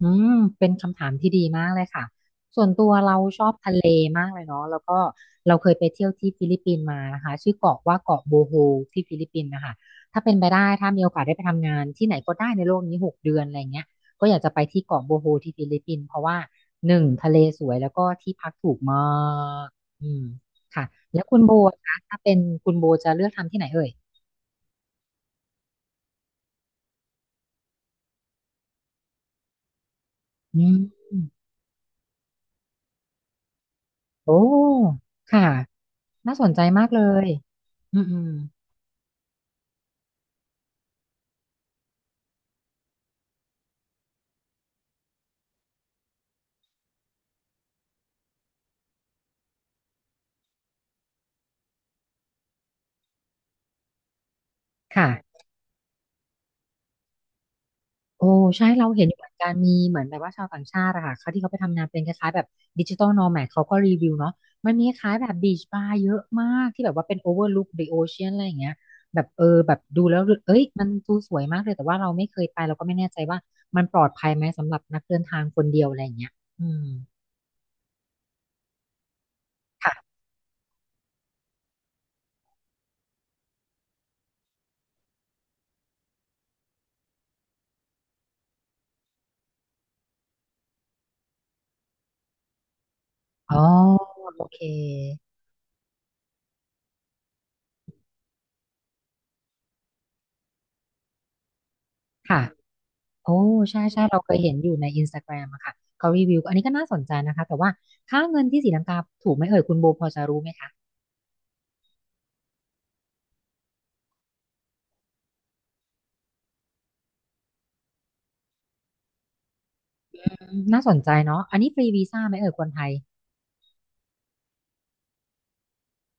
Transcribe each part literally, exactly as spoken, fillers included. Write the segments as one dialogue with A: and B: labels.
A: อืมเป็นคำถามที่ดีมากเลยค่ะส่วนตัวเราชอบทะเลมากเลยเนาะแล้วก็เราเคยไปเที่ยวที่ฟิลิปปินส์มานะคะชื่อเกาะว่าเกาะโบโฮที่ฟิลิปปินส์นะคะถ้าเป็นไปได้ถ้ามีโอกาสได้ไปทำงานที่ไหนก็ได้ในโลกนี้หกเดือนอะไรเงี้ยก็อยากจะไปที่เกาะโบโฮที่ฟิลิปปินส์เพราะว่าหนึ่งทะเลสวยแล้วก็ที่พักถูกมากอืมค่ะแล้วคุณโบคะถ้าเป็นคุณโบจะเลือกทำที่ไหนเอ่ยอืมโอ้ค่ะน่าสนใจมากเลยอืมอืมค่ะ โอ้ใช่เราเห็นอยู่เหมือนกันมีเหมือนแบบว่าชาวต่างชาติอะค่ะเขาที่เขาไปทำงานเป็นคล้ายๆแบบดิจิ t a ล n o แม d เขาก็รีวิวเนาะมันมีคล้ายแบบบีชบาร์เยอะมากที่แบบว่าเป็นโอเวอร์ลุคเดอะโอเชียนอะไรอย่างเงี้ยแบบเออแบบดูแล้วเอ้ยมันดูสวยมากเลยแต่ว่าเราไม่เคยไปเราก็ไม่แน่ใจว่ามันปลอดภัยไหมสำหรับนักเดินทางคนเดียวอะไรอย่างเงี้ยอืมค่ะอ๋อโอเคค่ะโอ้ใช่ใช่เราเคยเห็นอยู่ในอินสตาแกรมอะค่ะเขารีวิวอันนี้ก็น่าสนใจนะคะแต่ว่าค่าเงินที่ศรีลังกาถูกไหมเอ่ยคุณโบพอจะรู้ไหมคะ อืมน่าสนใจเนาะอันนี้ฟรีวีซ่าไหมเอ่ยคนไทย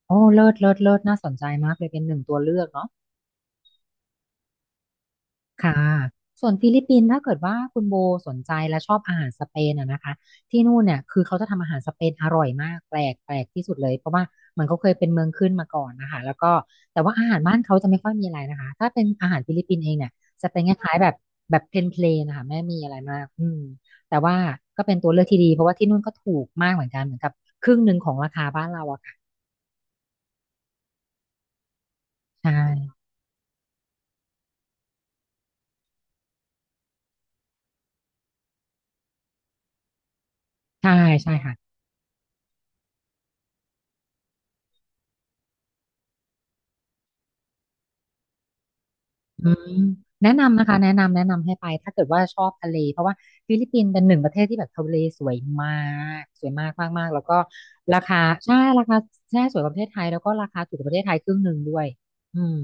A: โอ้เลิศเลิศเลิศน่าสนใจมากเลยเป็นหนึ่งตัวเลือกเนาะค่ะส่วนฟิลิปปินส์ถ้าเกิดว่าคุณโบสนใจและชอบอาหารสเปนอะนะคะที่นู่นเนี่ยคือเขาจะทำอาหารสเปนอร่อยมากแปลกแปลกที่สุดเลยเพราะว่ามันเขาเคยเป็นเมืองขึ้นมาก่อนนะคะแล้วก็แต่ว่าอาหารบ้านเขาจะไม่ค่อยมีอะไรนะคะถ้าเป็นอาหารฟิลิปปินส์เองเนี่ยจะเป็นคล้ายๆแบบแบบเพลนเพลนนะคะไม่มีอะไรมากอืมแต่ว่าก็เป็นตัวเลือกที่ดีเพราะว่าที่นู่นก็ถูกมากเหมือนกันเหมือนกับครึ่งหนึ่งของราคาบ้านเราอะค่ะ ใช่ใช่ใช่ค่ะอืมแนะนำนะคะแนะนำแนะนำให้ไปถ้าเกิดว่าชอบทะเลเพราะว่าฟิลิปปินส์เป็นหนึ่งประเทศที่แบบทะเลสวยมากสวยมากมากมาก แล้วก็ราคาใช่ราคาใช่สวยกว่าประเทศไทย แล้วก็ราคาถูกกว่าประเทศไทยครึ่งหนึ่งด้วยอืม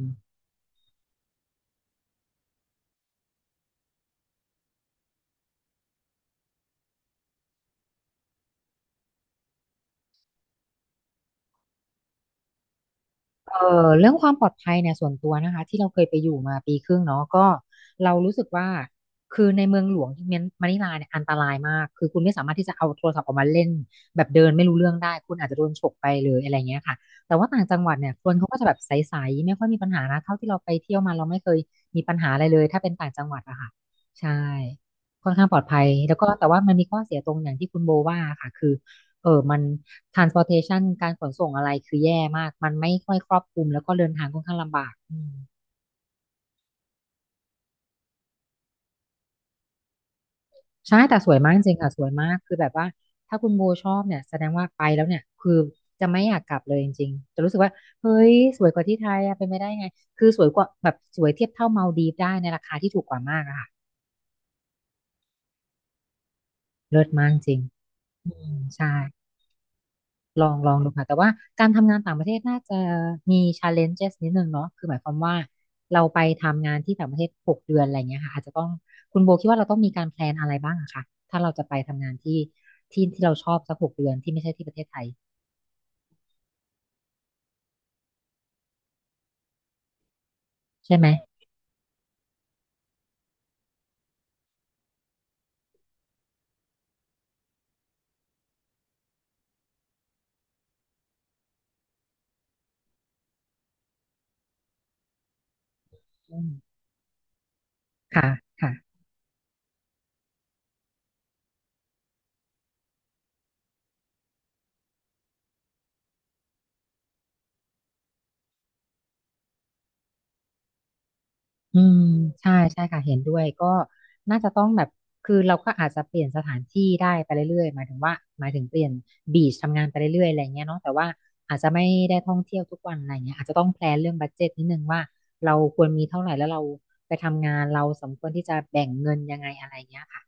A: เอ่อเรื่องความปลอดภัยเนี่ยส่วนตัวนะคะที่เราเคยไปอยู่มาปีครึ่งเนาะก็เรารู้สึกว่าคือในเมืองหลวงที่เมยนมะนิลาเนี่ยอันตรายมากคือคุณไม่สามารถที่จะเอาโทรศัพท์ออกมาเล่นแบบเดินไม่รู้เรื่องได้คุณอาจจะโดนฉกไปเลยอะไรเงี้ยค่ะแต่ว่าต่างจังหวัดเนี่ยคนเขาก็จะแบบใสๆไม่ค่อยมีปัญหานะเท่าที่เราไปเที่ยวมาเราไม่เคยมีปัญหาอะไรเลยถ้าเป็นต่างจังหวัดอะค่ะใช่ค่อนข้างปลอดภัยแล้วก็แต่ว่ามันมีข้อเสียตรงอย่างที่คุณโบว่าค่ะคือ เออมัน transportation การขนส่งอะไรคือแย่มาก มันไม่ค่อยครอบคลุมแล้วก็เดินทางค่อนข้างลำบากอืมใช่แต่สวยมากจริงๆค่ะสวยมากคือแบบว่าถ้าคุณโบชอบเนี่ยแสดงว่าไปแล้วเนี่ยคือจะไม่อยากกลับเลยจริงๆจะรู้สึกว่าเฮ้ยสวยกว่าที่ไทยอะเป็นไม่ได้ไง คือสวยกว่าแบบสวยเทียบเท่ามาลดีฟได้ในราคาที่ถูกกว่ามากอะค่ะเลิศมากจริงอืมใช่ ลองลองดูค่ะแต่ว่าการทำงานต่างประเทศน่าจะมี challenges นิดนึงเนาะคือหมายความว่าเราไปทำงานที่ต่างประเทศหกเดือนอะไรเงี้ยค่ะอาจจะต้องคุณโบคิดว่าเราต้องมีการแพลนอะไรบ้างอะคะถ้าเราจะไปทำงานที่ที่ที่เราชอบสักหกเดือนที่ไม่ใช่ที่ประเทศไทยใช่ไหมอืมค่ะค่ะ อืมใช่ใช่ค่ะเห็นด้วยก็น่าจะต้องแบบคือเราก็อาจจะเปลี่ยนสถานที่ได้ไปเรื่อยๆหมายถึงว่าหมายถึงเปลี่ยนบีชทำงานไปเรื่อยๆอะไรเงี้ยเนาะแต่ว่าอาจจะไม่ได้ท่องเที่ยวทุกวันอะไรเงี้ยอาจจะต้องแพลนเรื่องบัดเจ็ตนิดนึงว่าเราควรมีเท่าไหร่แล้วเราไปทำงานเราสมควรที่จะแบ่งเงินยังไงอะไรเงี้ยค่ะ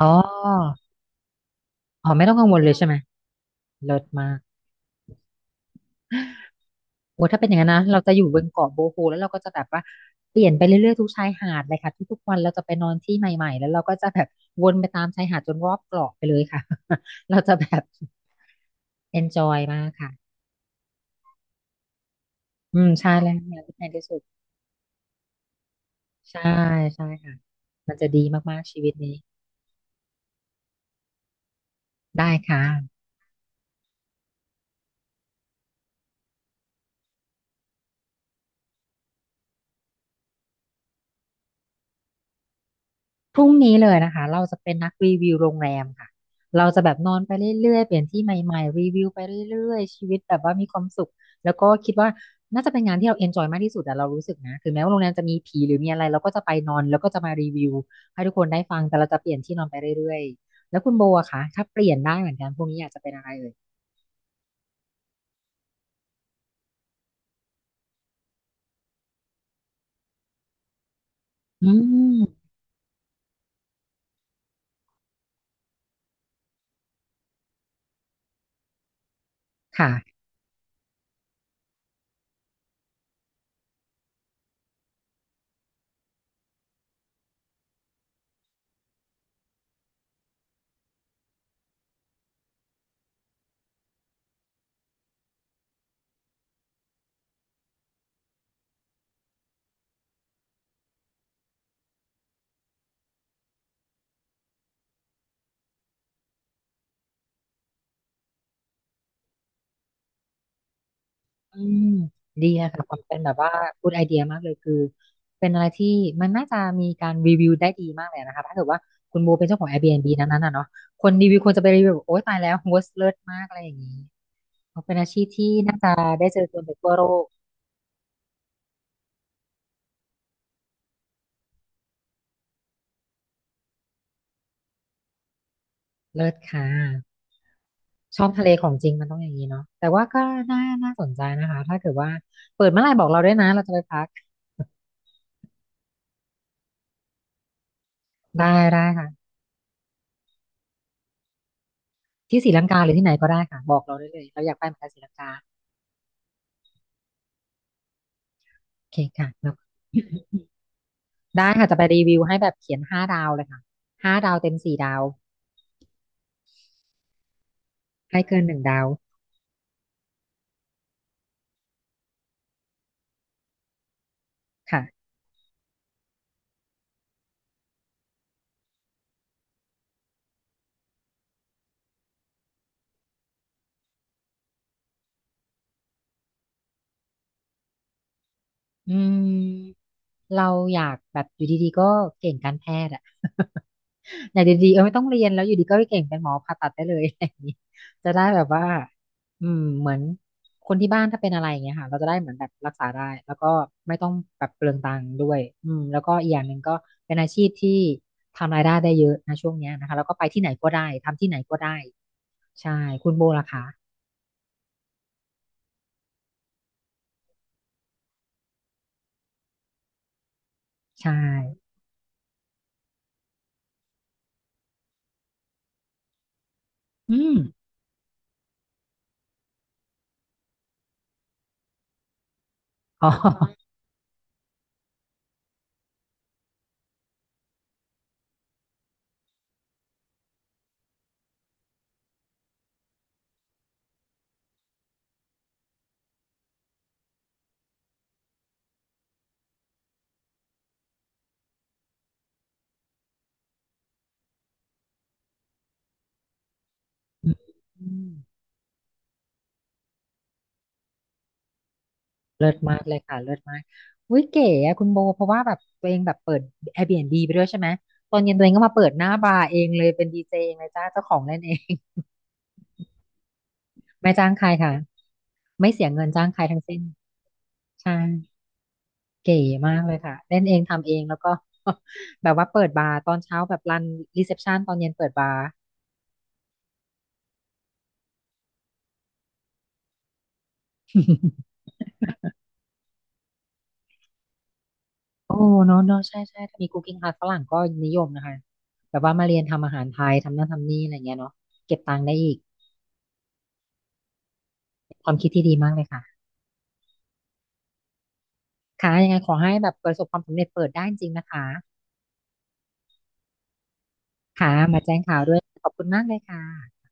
A: อ๋ออ๋อไม่ต้องกังวลเลยใช่ไหมเลิศมาก โอ้ถ้าเป็นอย่างนั้นนะเราจะอยู่บนเกาะโบโฮแล้วเราก็จะแบบว่าเปลี่ยนไปเรื่อยๆทุกชายหาดเลยค่ะทุกๆวันเราจะไปนอนที่ใหม่ๆแล้วเราก็จะแบบวนไปตามชายหาดจนรอบเกาะไปเลยค่ะ เราจะแบบ enjoy มากค่ะอืมใช่แล้วงานที่แพงที่สุดใช่ใช่ค่ะมันจะดีมากๆชีวิตนี้ได้ค่ะ พรุ่งนี้เลยนะคะเราจะเป็นนักรีวิวโรงแรมค่ะเราจะแบบนอนไปเรื่อยๆเปลี่ยนที่ใหม่ๆรีวิวไปเรื่อยๆชีวิตแบบว่ามีความสุขแล้วก็คิดว่าน่าจะเป็นงานที่เราเอนจอยมากที่สุดแต่เรารู้สึกนะถึงแม้ว่าโรงแรมจะมีผีหรือมีอะไรเราก็จะไปนอนแล้วก็จะมารีวิวให้ทุกคนได้ฟังแต่เราจะเปลี่ยนที่นอนไปเรื่อยๆแล้วคุณโบอะคะถ้าเปลี่ยนได้เหมือนกันพรุ่งนี้อยากจะเป็นอะไรเอ่ยอืมค่ะ อืมดีนะค่ะความเป็นแบบว่าพูดไอเดียมากเลยคือเป็นอะไรที่มันน่าจะมีการรีวิวได้ดีมากเลยนะคะถ้าเกิดว่าคุณโบเป็นเจ้าของ Airbnb นั้นๆนะเนาะคนรีวิวควรจะไปรีวิวแบบโอ๊ยตายแล้ว เวิสต์ เลิศมากอะไรอย่างนี้เพราะเป็นอาชีพที่น่าจะได้เจอคนแบบทั่วโลกเลิศค่ะชอบทะเลของจริงมันต้องอย่างนี้เนาะแต่ว่าก็น่าน่าสนใจนะคะถ้าเกิดว่าเปิดเมื่อไหร่บอกเราด้วยนะเราจะไปพักได้ได้ค่ะที่ศรีลังกาหรือที่ไหนก็ได้ค่ะบอกเราได้เลยเราอยากไปเหมือนกันศรีลังกาโอเคค่ะแล้ ได้ค่ะจะไปรีวิวให้แบบเขียนห้าดาวเลยค่ะห้าดาวเต็มสี่ดาวให้เกินหนึ่งดาวค่ะ อืมเราอยากแบบอยู่ดีๆก็เก่งการแพทย์อะ ไานดีๆเออไม่ต้องเรียนแล้วอยู่ดีก็เก่งเป็นหมอผ่าตัดได้เลย อะไรอย่างนี้จะได้แบบว่าอืมเหมือนคนที่บ้านถ้าเป็นอะไรอย่างเงี้ยค่ะเราจะได้เหมือนแบบรักษาได้แล้วก็ไม่ต้องแบบเปลืองตังค์ด้วยอืมแล้วก็อีกอย่างหนึ่งก็เป็นอาชีพที่ทำรายได้ได้เยอะนะช่วงเนี้ยนะคะแล้วก็ไปที่ไหนก็ได้ทำที่ไหนก็ได้ใช่คุณโบล่ะคะใช่อืมอ๋ออืม เลิศมากเลยค่ะเลิศมากอุ้ยเก๋อะคุณโบเพราะว่าแบบตัวเองแบบเปิด Airbnb ไปด้วยใช่ไหม ตอนเย็นตัวเองก็มาเปิดหน้าบาร์เองเลยเป็นดีเจเองเลยจ้าเจ้าของเล่นเอง ไม่จ้างใครค่ะไม่เสียเงินจ้างใครทั้งสิ้นใช่เก๋มากเลยค่ะเล่นเองทำเองแล้วก็ แบบว่าเปิดบาร์ตอนเช้าแบบรันรีเซพชันตอนเย็นเปิดบาร์ โอ้เนาะเนาะใช่ใช่ถ้ามี คุกกิ้งคลาส ฝรั่งก็นิยมนะคะแบบว่ามาเรียนทำอาหารไทยทำนั่นทำนี่อะไรเงี้ยเนาะเก็บตังค์ได้อีกความคิดที่ดีมากเลยค่ะ ค่ะยังไงขอให้แบบประสบความสำเร็จเปิดได้จริงๆนะคะค่ะมาแจ้งข่าวด้วย ขอบคุณมากเลยค่ะ